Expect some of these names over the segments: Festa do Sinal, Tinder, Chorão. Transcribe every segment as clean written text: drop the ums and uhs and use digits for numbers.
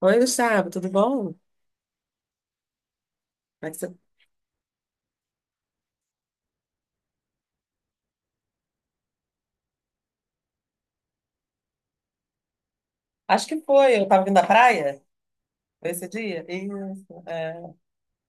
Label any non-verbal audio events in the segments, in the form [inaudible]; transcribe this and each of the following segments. Oi, Gustavo, tudo bom? Como é que você- Acho que foi, eu tava vindo da praia, foi esse dia? Isso, é.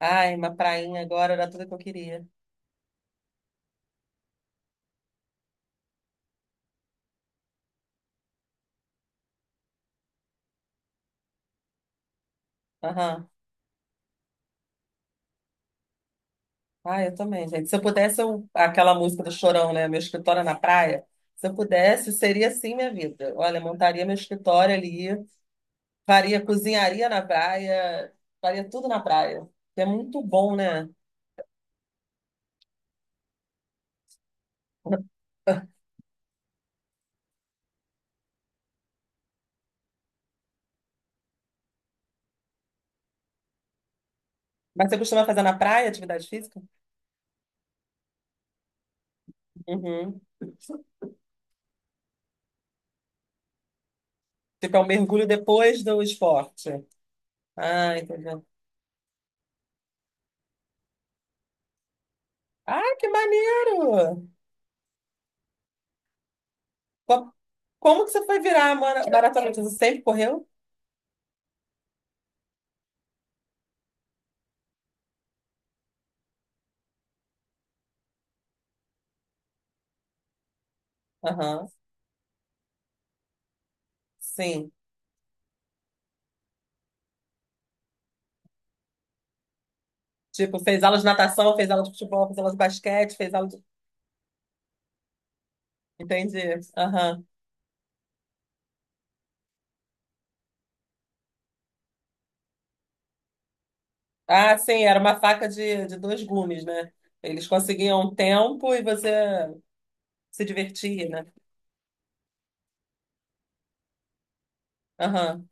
Ai, uma prainha agora era tudo que eu queria. Aham. Ai, eu também, gente. Se eu pudesse, eu aquela música do Chorão, né? Meu escritório é na praia. Se eu pudesse, seria assim minha vida. Olha, montaria meu escritório ali, faria, cozinharia na praia, faria tudo na praia. É muito bom, né? Mas você costuma fazer na praia atividade física? Uhum. Tipo, é um mergulho depois do esporte. Ah, entendi. Ah, que maneiro! Co- Como que você foi virar a maratonista? Você sempre correu? Aham, sim. Tipo, fez aula de natação, fez aula de futebol, fez aula de basquete, fez aula de... Entendi. Aham. Ah, sim, era uma faca de dois gumes, né? Eles conseguiam tempo e você se divertia, né? Aham.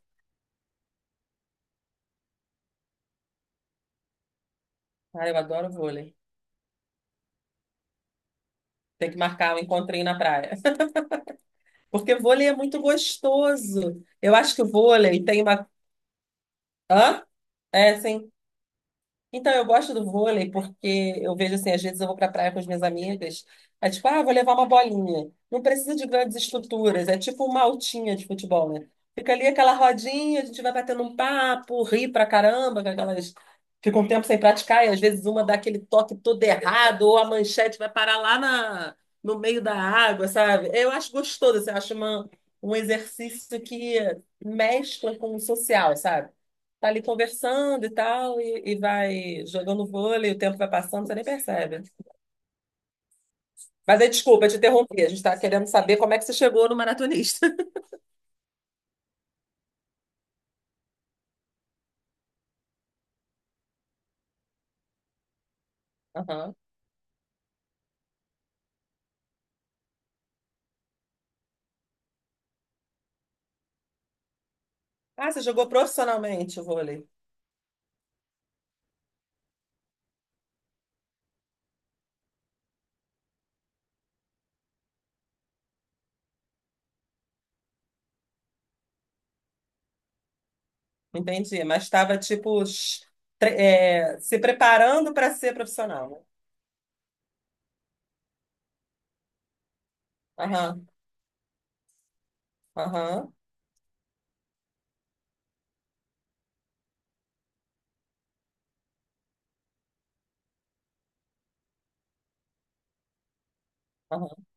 Ah, eu adoro vôlei. Tem que marcar um encontrinho na praia. [laughs] Porque vôlei é muito gostoso. Eu acho que o vôlei tem uma... Hã? É, sim. Então, eu gosto do vôlei porque eu vejo assim, às vezes eu vou pra praia com as minhas amigas, é tipo, ah, vou levar uma bolinha. Não precisa de grandes estruturas, é tipo uma altinha de futebol, né? Fica ali aquela rodinha, a gente vai batendo um papo, ri pra caramba, com aquelas... Fica um tempo sem praticar e às vezes uma dá aquele toque todo errado ou a manchete vai parar lá na... no meio da água, sabe? Eu acho gostoso, assim, eu acho uma... um exercício que mescla com o social, sabe? Tá ali conversando e tal, e vai jogando vôlei, o tempo vai passando, você nem percebe. Mas aí, desculpa, te interrompi, a gente tá querendo saber como é que você chegou no maratonista. [laughs] Aham. Ah, você jogou profissionalmente o vôlei. Entendi, mas estava, tipo, tre- é, se preparando para ser profissional, né? Aham, aham, aham.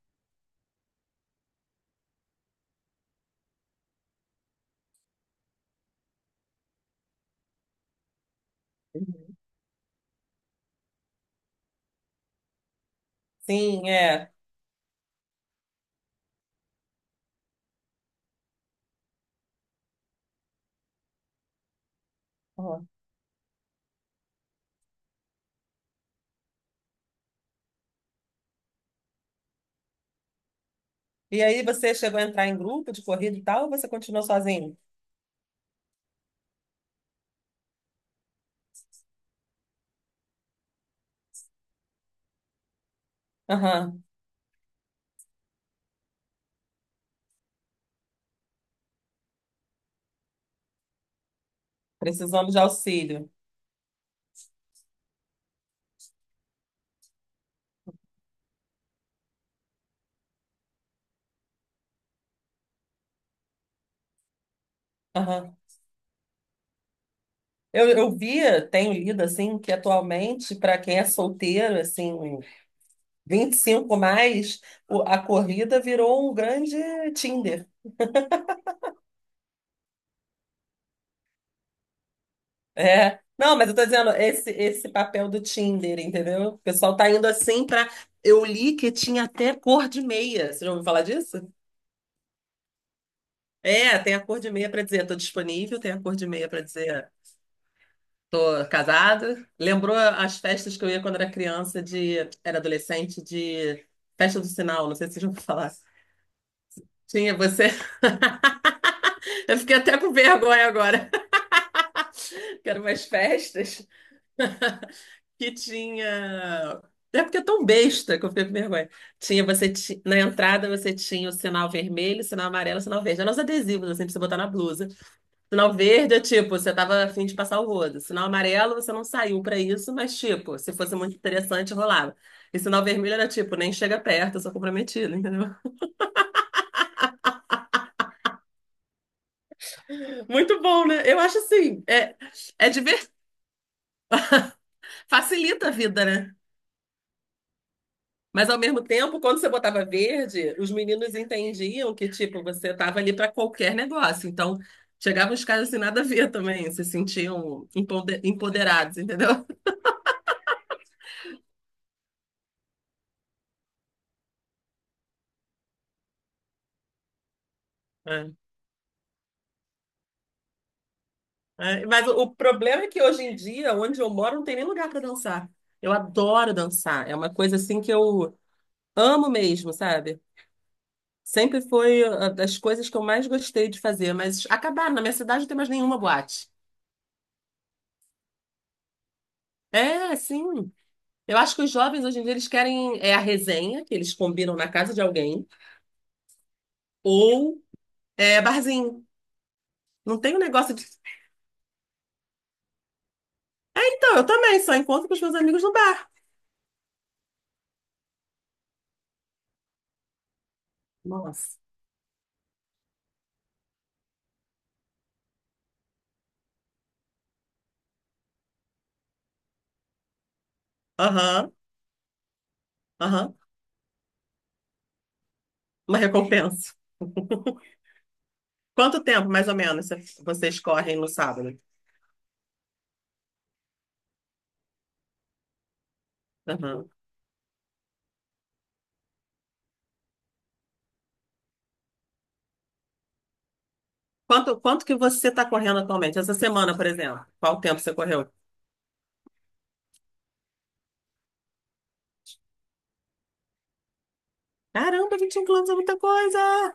Uhum. Sim, é. Aham. E aí, você chegou a entrar em grupo de corrida e tal, ou você continuou sozinho? Aham, precisamos de auxílio. Eu via, tenho lido assim, que atualmente, para quem é solteiro, assim, 25 mais, a corrida virou um grande Tinder. É. Não, mas eu tô dizendo, esse papel do Tinder, entendeu? O pessoal tá indo assim para. Eu li que tinha até cor de meia. Você já ouviu falar disso? É, tem a cor de meia para dizer tô disponível, tem a cor de meia para dizer tô casado. Lembrou as festas que eu ia quando era criança, de, era adolescente, de. Festa do Sinal, não sei se vocês vão falar. Tinha você. Eu fiquei até com vergonha agora, [laughs] que eram umas festas [laughs] que tinha. É porque é tão besta que eu fiquei com vergonha. Tinha você na entrada você tinha o sinal vermelho, o sinal amarelo, o sinal verde. Eram os adesivos assim pra você botar na blusa. Sinal verde é tipo, você tava a fim de passar o rodo. Sinal amarelo, você não saiu pra isso, mas tipo, se fosse muito interessante, rolava. E sinal vermelho era tipo, nem chega perto, eu sou comprometido, entendeu? [laughs] Muito bom, né? Eu acho assim, é diver... facilita a vida, né? Mas ao mesmo tempo, quando você botava verde, os meninos entendiam que, tipo, você tava ali para qualquer negócio. Então, chegavam os caras sem nada a ver também, se sentiam empoderados, entendeu? É. É, mas o problema é que hoje em dia, onde eu moro, não tem nem lugar para dançar. Eu adoro dançar. É uma coisa assim que eu amo mesmo, sabe? Sempre foi ah, das coisas que eu mais gostei de fazer, mas acabaram. Na minha cidade não tem mais nenhuma boate. É, sim. Eu acho que os jovens hoje em dia eles querem é a resenha que eles combinam na casa de alguém ou é barzinho. Não tem o negócio de. Então, eu também só encontro com os meus amigos no bar. Nossa. Aham, aham. Uma recompensa. [laughs] Quanto tempo, mais ou menos, vocês correm no sábado? Aham. Quanto que você está correndo atualmente? Essa semana, por exemplo. Qual tempo você correu? Caramba, 21 quilômetros é muita coisa!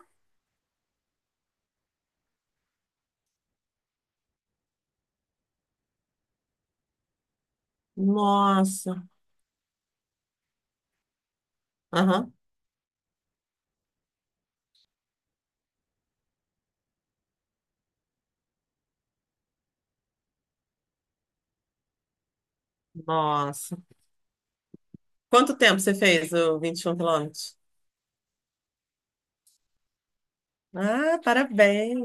Nossa. Aham. Nossa. Quanto tempo você fez o 21 quilômetros? Ah, parabéns.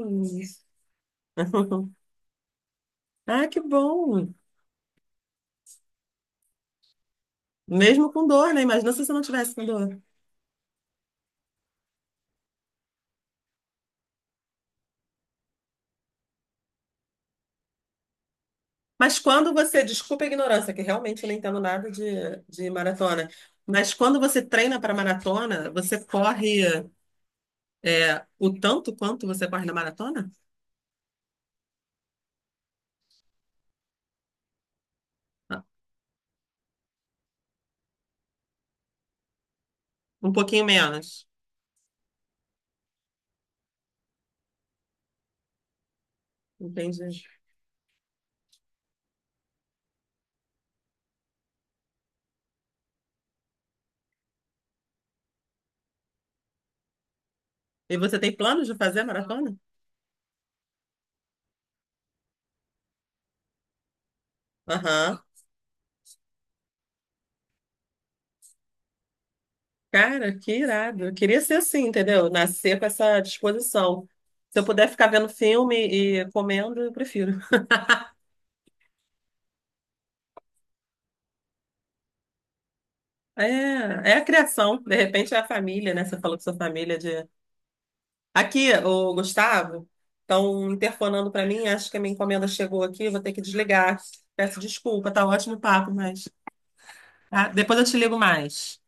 [laughs] Ah, que bom. Mesmo com dor, né? Imagina se você não tivesse com dor. Mas quando você, desculpa a ignorância, que realmente eu não entendo nada de maratona, mas quando você treina para maratona, você corre é, o tanto quanto você corre na maratona? Ah, um pouquinho menos. Entendi. E você tem planos de fazer maratona? Aham. Cara, que irado. Eu queria ser assim, entendeu? Nascer com essa disposição. Se eu puder ficar vendo filme e comendo, eu prefiro. É, é a criação. De repente é a família, né? Você falou que sua família é de. Aqui, o Gustavo, estão interfonando para mim. Acho que a minha encomenda chegou aqui. Eu vou ter que desligar. Peço desculpa, tá ótimo o papo, mas. Tá? Depois eu te ligo mais.